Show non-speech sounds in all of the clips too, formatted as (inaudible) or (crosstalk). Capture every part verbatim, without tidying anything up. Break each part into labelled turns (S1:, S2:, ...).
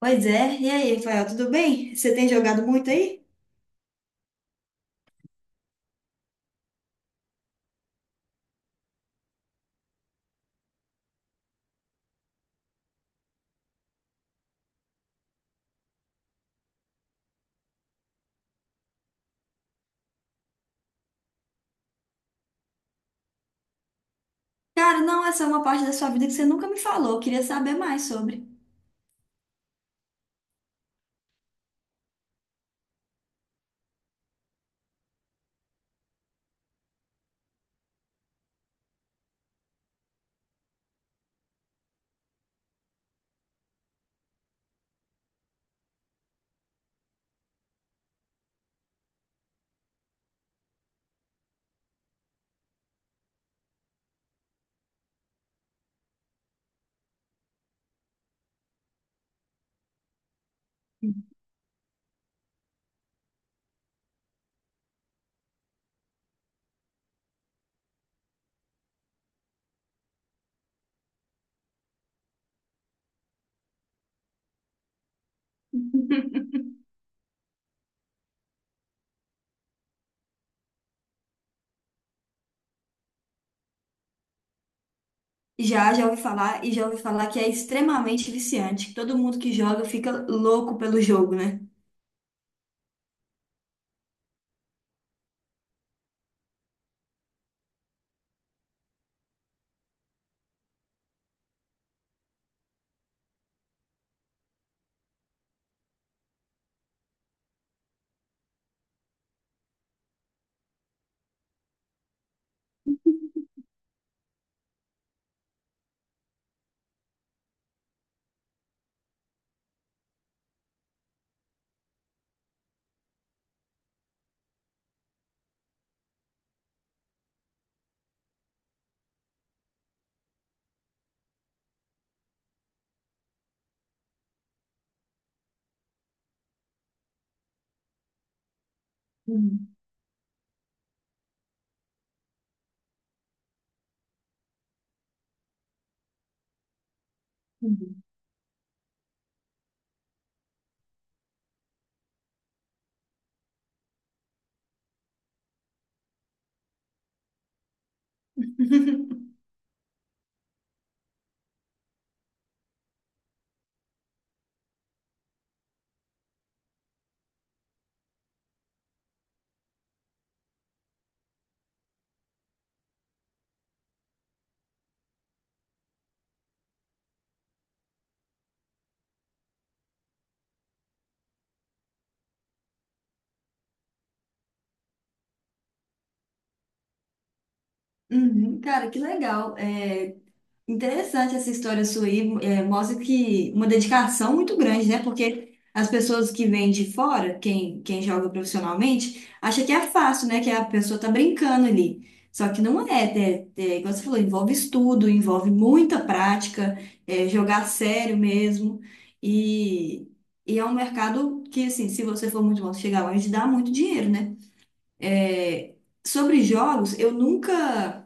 S1: Pois é. E aí, Rafael, tudo bem? Você tem jogado muito aí? Cara, não, essa é uma parte da sua vida que você nunca me falou. Eu queria saber mais sobre. Já, já ouvi falar e já ouvi falar que é extremamente viciante, que todo mundo que joga fica louco pelo jogo, né? Uhum, uhum. (laughs) Uhum, cara, que legal. É, interessante essa história sua aí, é, mostra que uma dedicação muito grande, né? Porque as pessoas que vêm de fora, quem, quem joga profissionalmente, acha que é fácil, né? Que a pessoa tá brincando ali. Só que não é, é, é, igual você falou, envolve estudo, envolve muita prática, é, jogar sério mesmo. E, e é um mercado que, assim, se você for muito bom chegar longe, dá muito dinheiro, né? É, sobre jogos, eu nunca.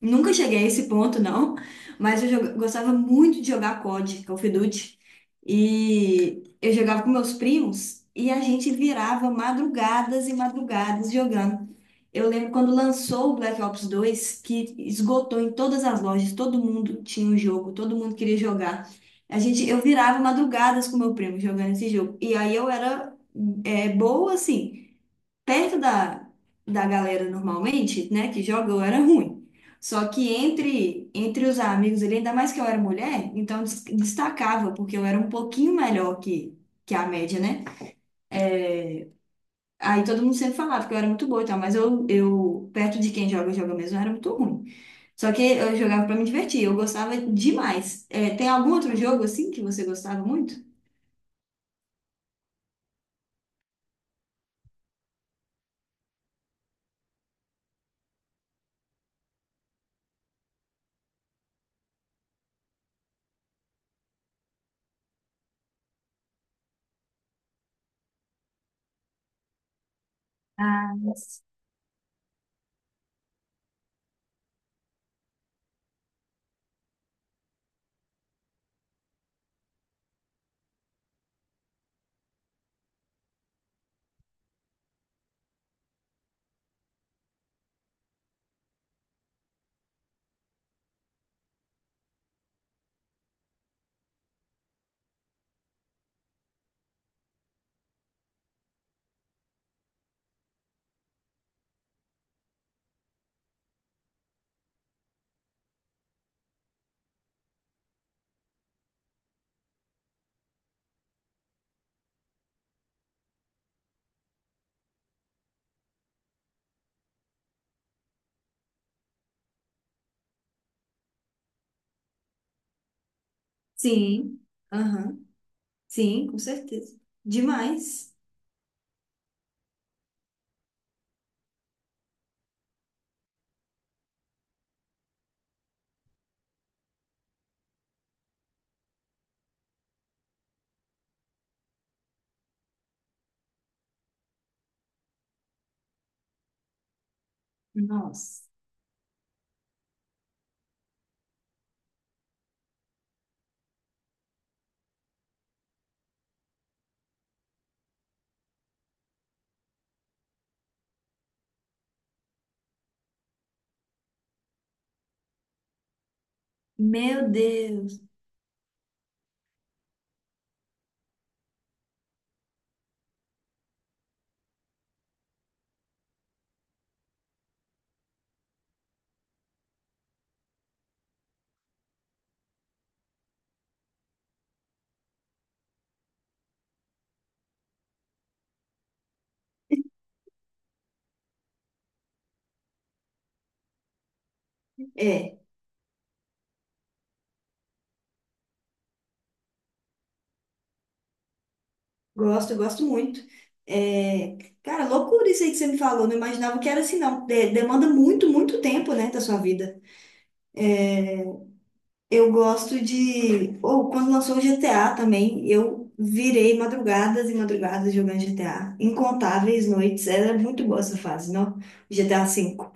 S1: Nunca cheguei a esse ponto, não, mas eu joga- gostava muito de jogar C O D, Call of Duty, e eu jogava com meus primos e a gente virava madrugadas e madrugadas jogando. Eu lembro quando lançou o Black Ops dois que esgotou em todas as lojas, todo mundo tinha o jogo, todo mundo queria jogar. A gente, eu virava madrugadas com meu primo jogando esse jogo, e aí eu era é, boa, assim, perto da, da galera normalmente, né, que joga, eu era ruim. Só que entre, entre os amigos ali, ainda mais que eu era mulher, então des- destacava, porque eu era um pouquinho melhor que, que a média, né? Aí todo mundo sempre falava que eu era muito boa e tal, mas eu, eu perto de quem joga, joga mesmo, eu era muito ruim. Só que eu jogava pra me divertir, eu gostava demais. É, tem algum outro jogo assim que você gostava muito? Ah, sim. Aham, sim, com certeza. Demais. Nossa. Meu Deus. É, gosto, gosto muito. É, cara, loucura isso aí que você me falou. Não imaginava que era assim, não. De- demanda muito, muito tempo, né, da sua vida. Eu gosto de. Ou quando lançou o G T A também, eu virei madrugadas e madrugadas jogando G T A. Incontáveis noites. Era muito boa essa fase, não? G T A cinco.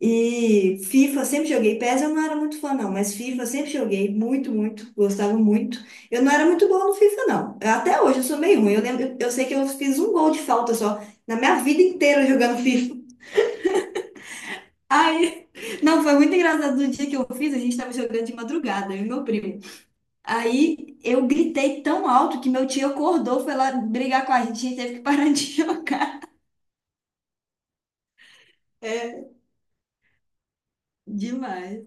S1: E FIFA, sempre joguei. PES eu não era muito fã, não, mas FIFA sempre joguei muito, muito, gostava muito. Eu não era muito boa no FIFA, não. Eu- Até hoje eu sou meio ruim. Eu lembro, eu eu sei que eu fiz um gol de falta só na minha vida inteira jogando FIFA. (laughs) Ai, não, foi muito engraçado no dia que eu fiz, a gente tava jogando de madrugada, eu e meu primo. Aí eu gritei tão alto que meu tio acordou, foi lá brigar com a gente, a gente teve que parar de (laughs) jogar. É, demais.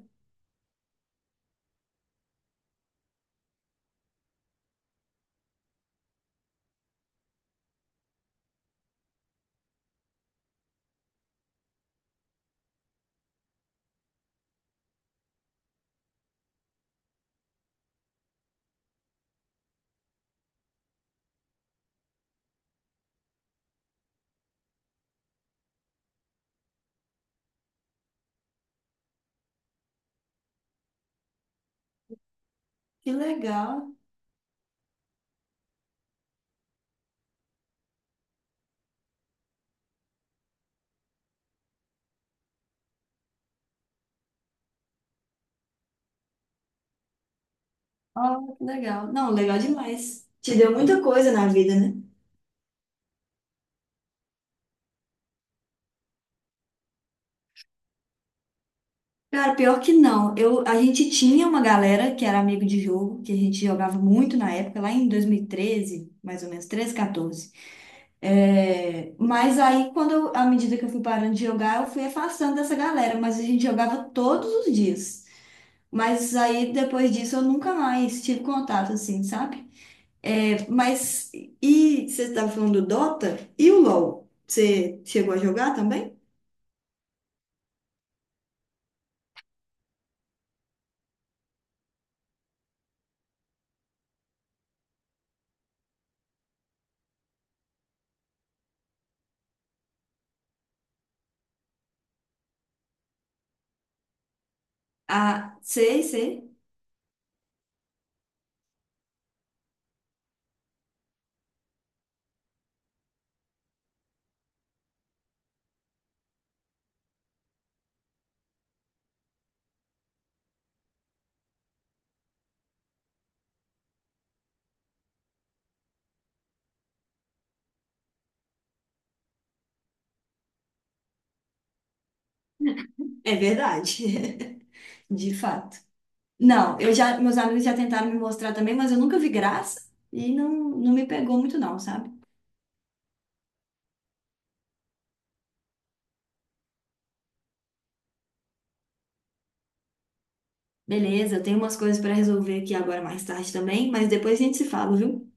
S1: Que legal. Ah, que legal. Não, legal demais. Te deu muita coisa na vida, né? Cara, pior que não. Eu, a gente tinha uma galera que era amigo de jogo, que a gente jogava muito na época, lá em dois mil e treze, mais ou menos, treze, quatorze. É, mas aí, quando eu- à medida que eu fui parando de jogar, eu fui afastando dessa galera, mas a gente jogava todos os dias. Mas aí, depois disso, eu nunca mais tive contato, assim, sabe? É, mas, e você estava falando do Dota e o LoL? Você chegou a jogar também? Ah, sei, sei. É verdade. (laughs) De fato. Não, eu já, meus amigos já tentaram me mostrar também, mas eu nunca vi graça e não, não me pegou muito não, sabe? Beleza, eu tenho umas coisas para resolver aqui agora mais tarde também, mas depois a gente se fala, viu?